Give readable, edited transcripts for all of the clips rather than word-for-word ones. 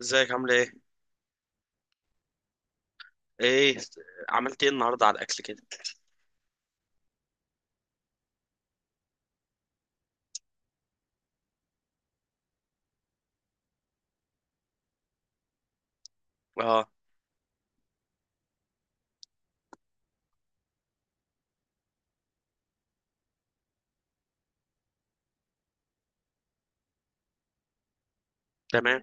ازيك؟ عامله ايه؟ ايه؟ عملت ايه النهارده على الاكل كده؟ اه. تمام.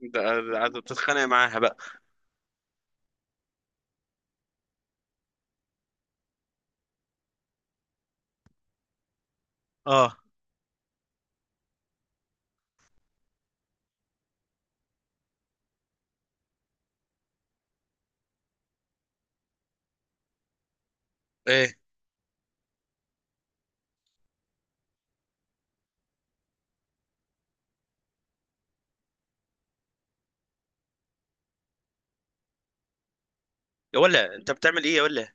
ده ده بتتخانق معاها بقى؟ اه. ايه؟ يا ولا انت بتعمل ايه يا ولا؟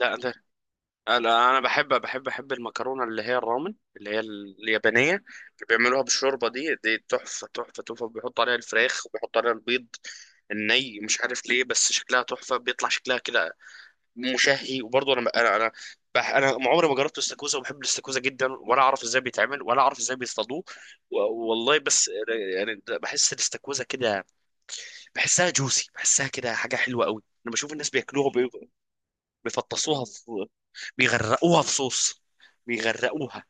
لا انت. انا بحب، بحب المكرونه اللي هي الرامن، اللي هي اليابانيه، اللي بيعملوها بالشوربه. دي تحفه، تحفه. بيحط عليها الفراخ وبيحط عليها البيض. الني مش عارف ليه، بس شكلها تحفه، بيطلع شكلها كده مشهي. وبرضه انا انا ما عمري ما جربت الاستاكوزا، وبحب الاستاكوزا جدا، ولا اعرف ازاي بيتعمل ولا اعرف ازاي بيصطادوه. و- والله بس. يعني بحس الاستاكوزا كده، بحسها جوسي، بحسها كده حاجه حلوه قوي. انا بشوف الناس بياكلوها بيفطسوها في، بيغرقوها في صوص، بيغرقوها.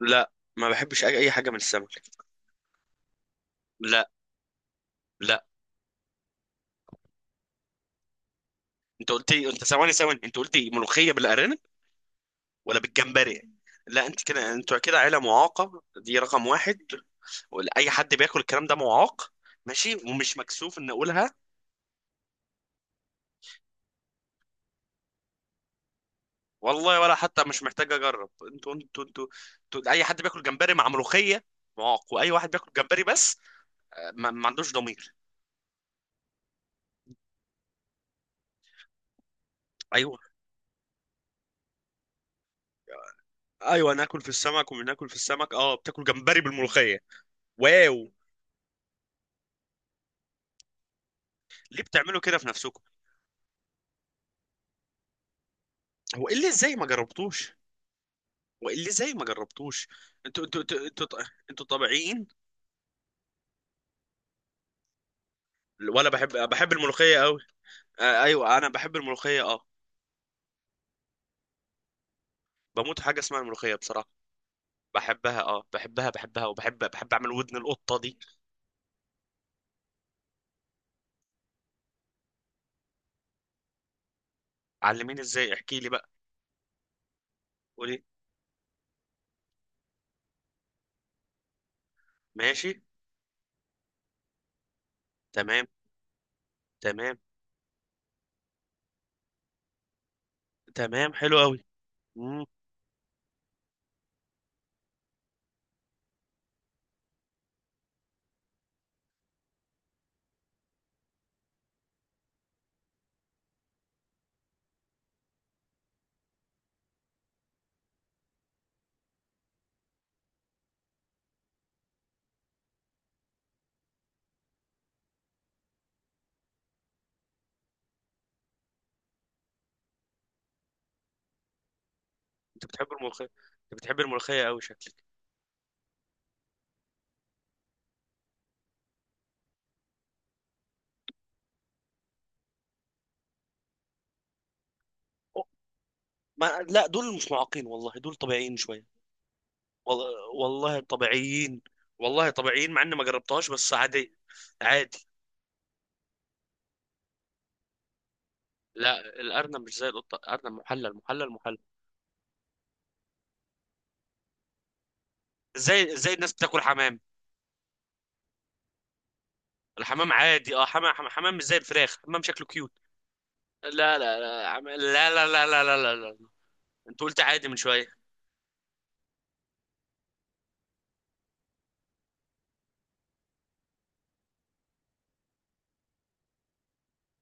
لا، ما بحبش اي، أي حاجه من السمك. لا. لا، انت قلت لي، انت ثواني، انت قلت لي ملوخيه بالارانب ولا بالجمبري. لا، انت كده، انتوا كده عيله معاقه، دي رقم واحد. اي حد بياكل الكلام ده معاق، ماشي، ومش مكسوف ان اقولها. والله ولا حتى مش محتاج اجرب. انتوا، انتوا- اي حد بياكل جمبري مع ملوخيه معاق، واي واحد بياكل جمبري بس، ما عندوش ضمير. ايوه. ايوه، ناكل في السمك وبناكل في السمك. اه، بتاكل جمبري بالملوخيه؟ واو، ليه بتعملوا كده في نفسكم؟ هو ايه اللي ازاي ما جربتوش؟ هو ايه اللي ازاي ما جربتوش؟ انتوا انتوا طبيعيين؟ ولا. بحب الملوخيه قوي. آه ايوه، انا بحب الملوخيه اه. بموت، حاجه اسمها الملوخيه بصراحه. بحبها اه، بحبها، وبحب، بحب اعمل ودن القطه دي. علميني ازاي، احكي لي بقى. قولي. ماشي. تمام تمام تمام. حلو قوي. امم. انت بتحب الملوخيه؟ انت بتحب الملوخيه قوي شكلك. أو- ما لا، دول مش معاقين والله، دول طبيعيين شويه. والله طبيعيين. والله طبيعيين، مع اني ما جربتهاش بس عادي. عادي. لا، الارنب مش زي القطه، الارنب محلل، محلل. ازاي، ازاي الناس بتاكل حمام؟ الحمام عادي اه، حمام مش زي الفراخ، حمام شكله كيوت. لا لا لا، لا لا لا لا لا لا لا، انت قلت عادي من شويه.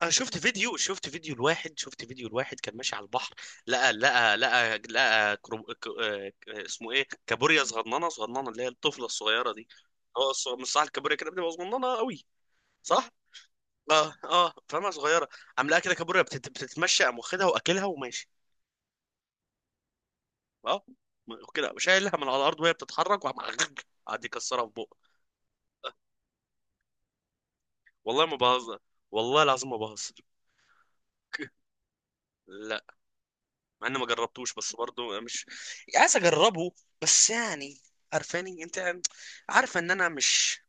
انا شفت فيديو، شفت فيديو لواحد كان ماشي على البحر، لقى اسمه ايه، كابوريا صغننه، اللي هي الطفله الصغيره دي. هو مش صح الكابوريا كده بتبقى صغننه قوي؟ صح. اه اه، فاهمها صغيره. عم لقى كده كابوريا بتتمشى، قام واخدها واكلها وماشي. اه، كده شايلها من على الارض وهي بتتحرك وعم قعد يكسرها في بقه. والله ما بهزر، والله العظيم ما بهزر. لا، مع اني ما جربتوش بس برضه مش عايز اجربه. بس يعني، عارفاني انت، عارفه ان انا مش.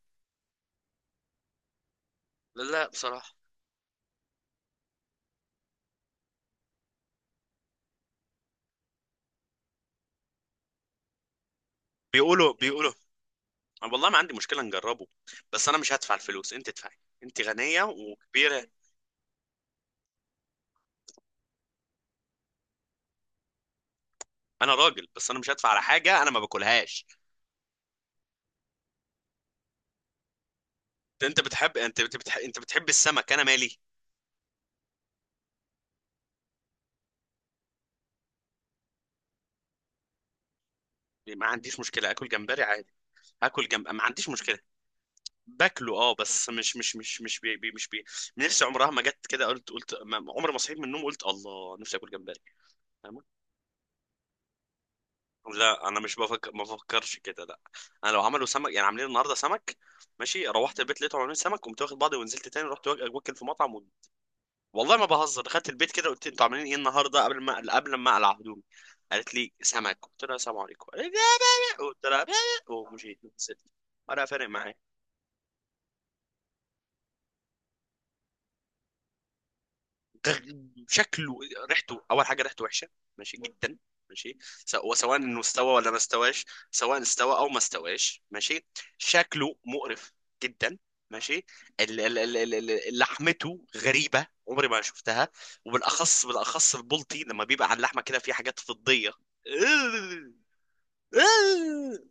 لا بصراحه. بيقولوا. والله ما عندي مشكله نجربه، بس انا مش هدفع الفلوس، انت ادفعي، انت غنيه وكبيره. انا راجل، بس انا مش هدفع على حاجه انا ما باكلهاش. انت بتحب السمك، انا مالي. ما عنديش مشكله، اكل جمبري عادي. هاكل جنب، ما عنديش مشكله. باكله اه، بس مش، مش، مش بي، بي، مش بي. نفسي عمرها ما جت كده، قلت، قلت عمري ما صحيت من النوم قلت الله نفسي اكل جمبري. فاهمة؟ لا، انا مش بفكر، ما بفكرش كده لا. انا لو عملوا سمك، يعني عاملين النهارده سمك، ماشي، روحت البيت لقيتهم عاملين سمك، قمت واخد بعضي ونزلت تاني رحت واكل في مطعم و... والله ما بهزر. دخلت البيت كده قلت انتوا عاملين ايه النهارده؟ قبل ما اقلع هدومي، قالت لي سمك، قلت لها السلام عليكم. قالت لي لا، قلت لها لا. ومشيت نزلت، ولا فارق معايا. شكله، ريحته، اول حاجه ريحته وحشه ماشي جدا، ماشي. وسواء انه استوى ولا ما استواش، سواء استوى او ما استواش ماشي. شكله مقرف جدا، ماشي. لحمته غريبه عمري ما شفتها، وبالاخص، البلطي لما بيبقى على اللحمه كده في حاجات فضيه.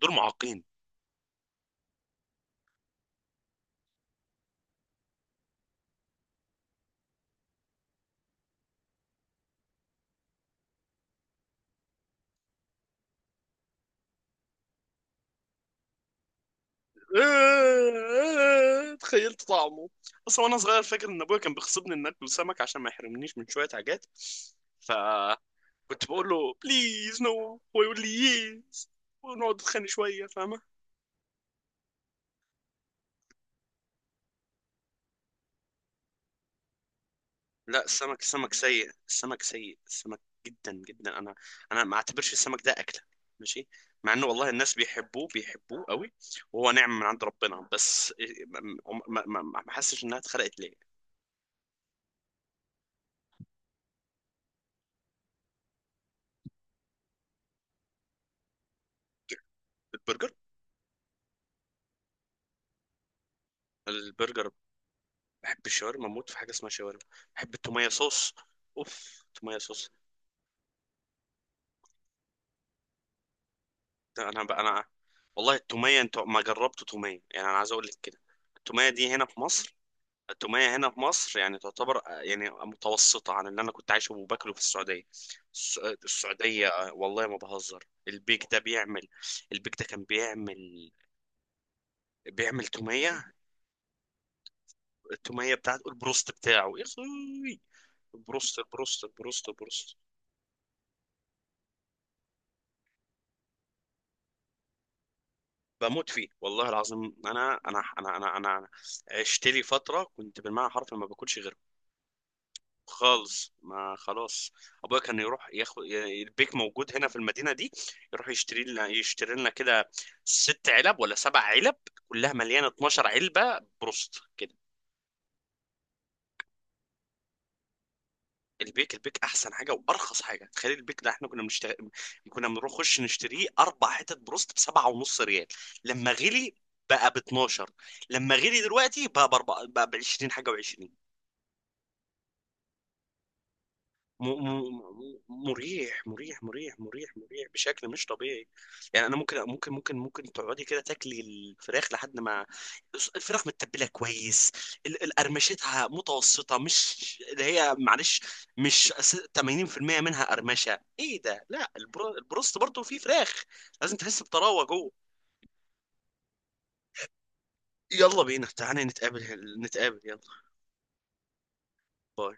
دول معاقين. تخيلت طعمه. اصلا وانا صغير فاكر ان ابويا كان بيغصبني ان اكل سمك عشان ما يحرمنيش من شويه حاجات، فكنت بقول له بليز نو، هو يقول لي يس. ونقعد نتخانق شويه، فاهمه. لا، السمك، السمك سيء، السمك سيء، السمك جدا جدا. انا، انا ما اعتبرش السمك ده اكله، ماشي. مع انه والله الناس بيحبوه، بيحبوه قوي، وهو نعمه من عند ربنا، بس ما حسش انها اتخلقت ليه. البرجر. البرجر. بحب الشاورما، اموت في حاجه اسمها شاورما. بحب التوميه صوص. اوف، توميه صوص. ده انا بقى انا. والله التوميه، انت ما جربت توميه يعني، انا عايز اقول لك كده. التوميه دي هنا في مصر التوميه هنا في مصر يعني تعتبر يعني متوسطه عن اللي انا كنت عايشه وباكله في السعوديه. الس- السعوديه والله ما بهزر، البيك ده كان بيعمل، بيعمل توميه. التوميه بتاعته، البروست بتاعه يا اخوي. البروست. بموت فيه والله العظيم. انا عشت لي فتره كنت بالمعنى حرفي ما باكلش غيره، خالص. ما خلاص. ابويا كان يروح ياخد، يعني البيك موجود هنا في المدينه دي، يروح يشتري لنا يشتري لنا كده، ست علب ولا سبع علب، كلها مليانه 12 علبه بروست كده. البيك احسن حاجه وارخص حاجه. تخيل البيك ده، احنا كنا بنخش نشتريه اربع حتت بروست بسبعة ونص ريال. لما غلي بقى ب 12. لما غلي دلوقتي بقى ب 4، بقى ب 20 حاجه و20. م م مريح، مريح بشكل مش طبيعي. يعني انا ممكن، ممكن تقعدي كده تاكلي الفراخ لحد ما الفراخ متبله كويس، القرمشتها متوسطه، مش اللي هي معلش، مش 80% منها قرمشه، ايه ده؟ لا، البروست برضه فيه فراخ، لازم تحس بطراوه جوه. يلا بينا، تعالى نتقابل، نتقابل يلا. باي.